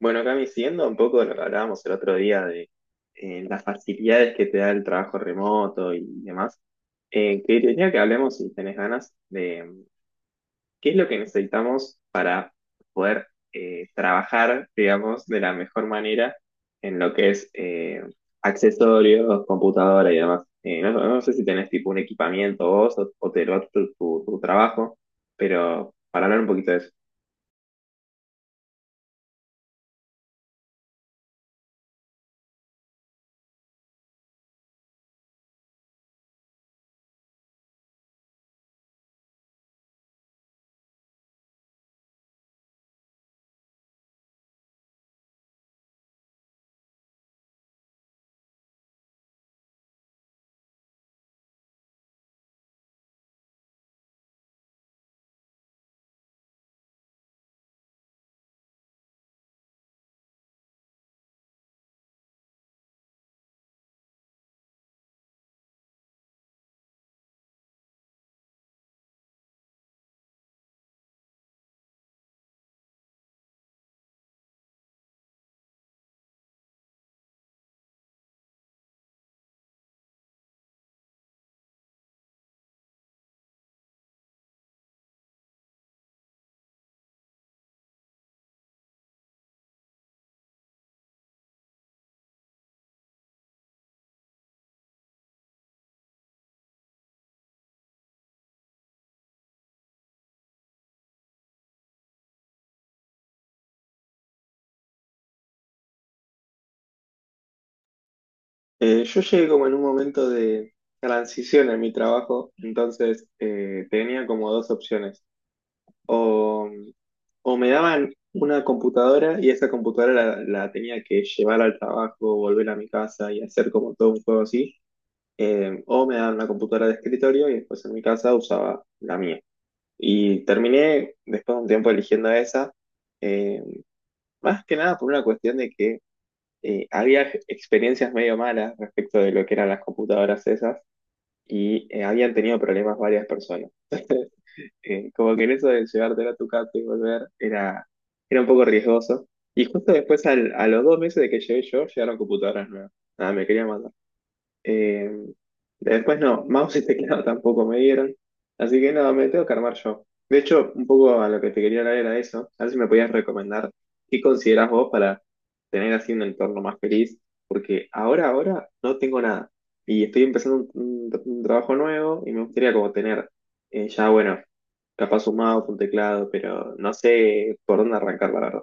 Bueno, Cami, siguiendo un poco lo que hablábamos el otro día de las facilidades que te da el trabajo remoto y demás, quería que hablemos, si tenés ganas, de qué es lo que necesitamos para poder trabajar, digamos, de la mejor manera en lo que es accesorios, computadora y demás. No sé si tenés tipo un equipamiento vos o te lo hace tu trabajo, pero para hablar un poquito de eso. Yo llegué como en un momento de transición en mi trabajo, entonces tenía como dos opciones. O, o me daban una computadora y esa computadora la tenía que llevar al trabajo, volver a mi casa y hacer como todo un juego así. O me daban una computadora de escritorio y después en mi casa usaba la mía. Y terminé después de un tiempo eligiendo esa, eh, más que nada por una cuestión de que había experiencias medio malas respecto de lo que eran las computadoras esas y habían tenido problemas varias personas. Como que en eso de llevártela a tu casa y volver era un poco riesgoso. Y justo después, a los dos meses de que llegué yo, llegaron computadoras nuevas. Nada, me quería matar. Eh, Después no, mouse y teclado tampoco me dieron. Así que nada, me tengo que armar yo. De hecho, un poco a lo que te quería hablar era eso. A ver si me podías recomendar qué considerás vos para tener así un entorno más feliz. Porque ahora no tengo nada. Y estoy empezando un trabajo nuevo y me gustaría como tener ya, bueno, capaz un mouse, un teclado, pero no sé por dónde arrancar, la verdad.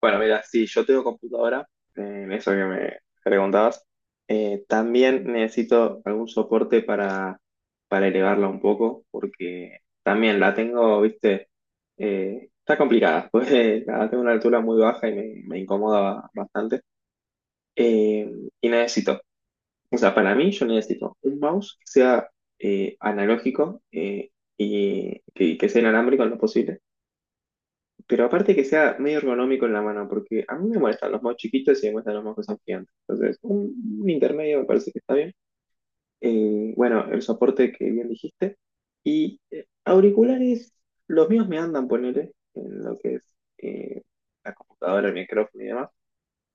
Bueno, mira, si yo tengo computadora, en eso que me preguntabas, también necesito algún soporte para elevarla un poco, porque también la tengo, viste, está complicada, pues la tengo una altura muy baja me incomoda bastante. Eh, y necesito, o sea, para mí yo necesito un mouse que sea analógico y que sea inalámbrico en lo posible, pero aparte que sea medio ergonómico en la mano, porque a mí me molestan los mouse chiquitos y me molestan los mouse que son gigantes. Entonces, un intermedio me parece que está bien. Bueno, el soporte que bien dijiste. Y auriculares, los míos me andan, ponele, en lo que es eh, la computadora, el micrófono y demás.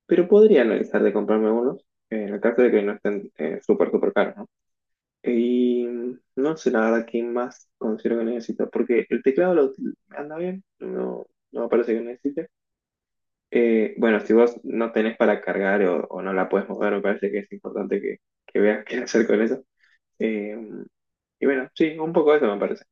Pero podría analizar de comprarme unos, en el caso de que no estén súper, súper caros, ¿no? Y no sé la verdad qué más considero que necesito, porque el teclado anda bien, no, no me parece que necesite. Bueno, si vos no tenés para cargar o no la puedes mover, me parece que es importante que veas qué hacer con eso. Eh, y bueno, sí, un poco eso me parece.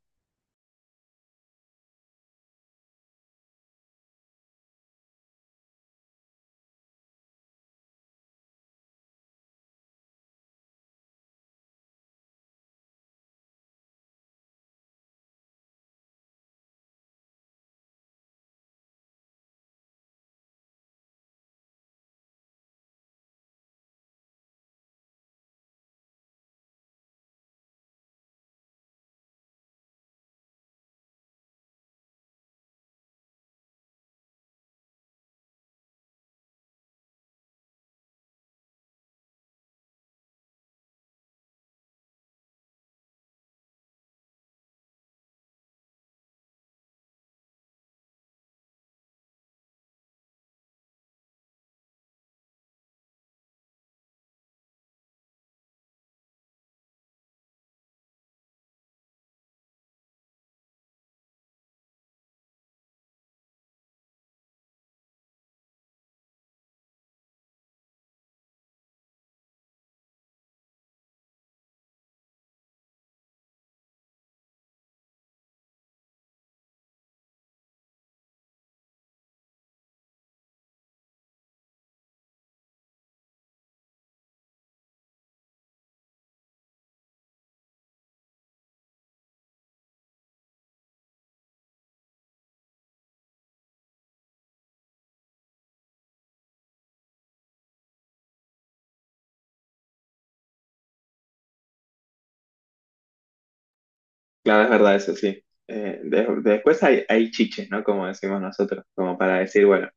Claro, es verdad, eso sí. Después hay, hay chiches, ¿no? Como decimos nosotros, como para decir, bueno,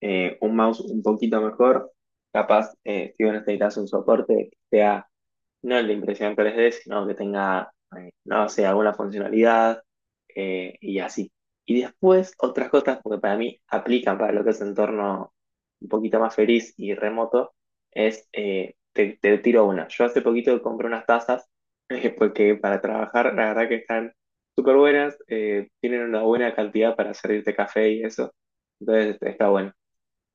un mouse un poquito mejor, capaz si vos necesitas un soporte que sea no el de impresión 3D, sino que tenga, no sé, alguna funcionalidad y así. Y después otras cosas, porque para mí aplican para lo que es entorno un poquito más feliz y remoto, es, te tiro una. Yo hace poquito compré unas tazas, porque para trabajar la verdad que están súper buenas, tienen una buena cantidad para servirte café y eso, entonces está bueno.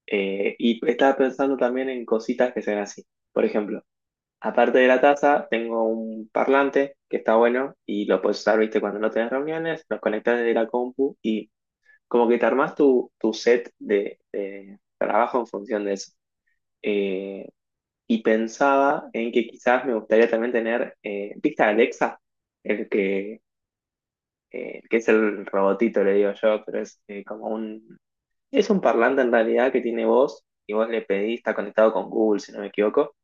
Y estaba pensando también en cositas que sean así. Por ejemplo, aparte de la taza, tengo un parlante que está bueno y lo puedes usar, viste, cuando no tenés reuniones, los conectás desde la compu y como que te armás tu set de trabajo en función de eso. Eh, y pensaba en que quizás me gustaría también tener, ¿viste a Alexa? El que, que es el robotito, le digo yo, pero es como un... Es un parlante en realidad que tiene voz y vos le pedís, está conectado con Google, si no me equivoco,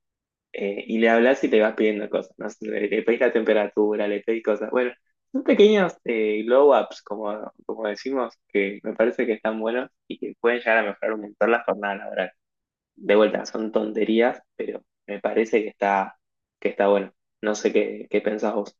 y le hablas y te vas pidiendo cosas, ¿no? Le pedís la temperatura, le pedís cosas. Bueno, son pequeños glow-ups, como, como decimos, que me parece que están buenos y que pueden llegar a mejorar un montón la jornada laboral. De vuelta, son tonterías, pero me parece que que está bueno. No sé qué pensás vos.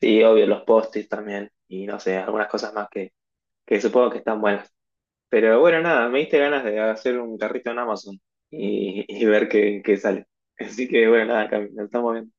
Sí, obvio, los post-its también, y no sé, algunas cosas más que supongo que están buenas. Pero bueno, nada, me diste ganas de hacer un carrito en Amazon y ver qué sale. Así que bueno, nada, Cami, nos estamos viendo.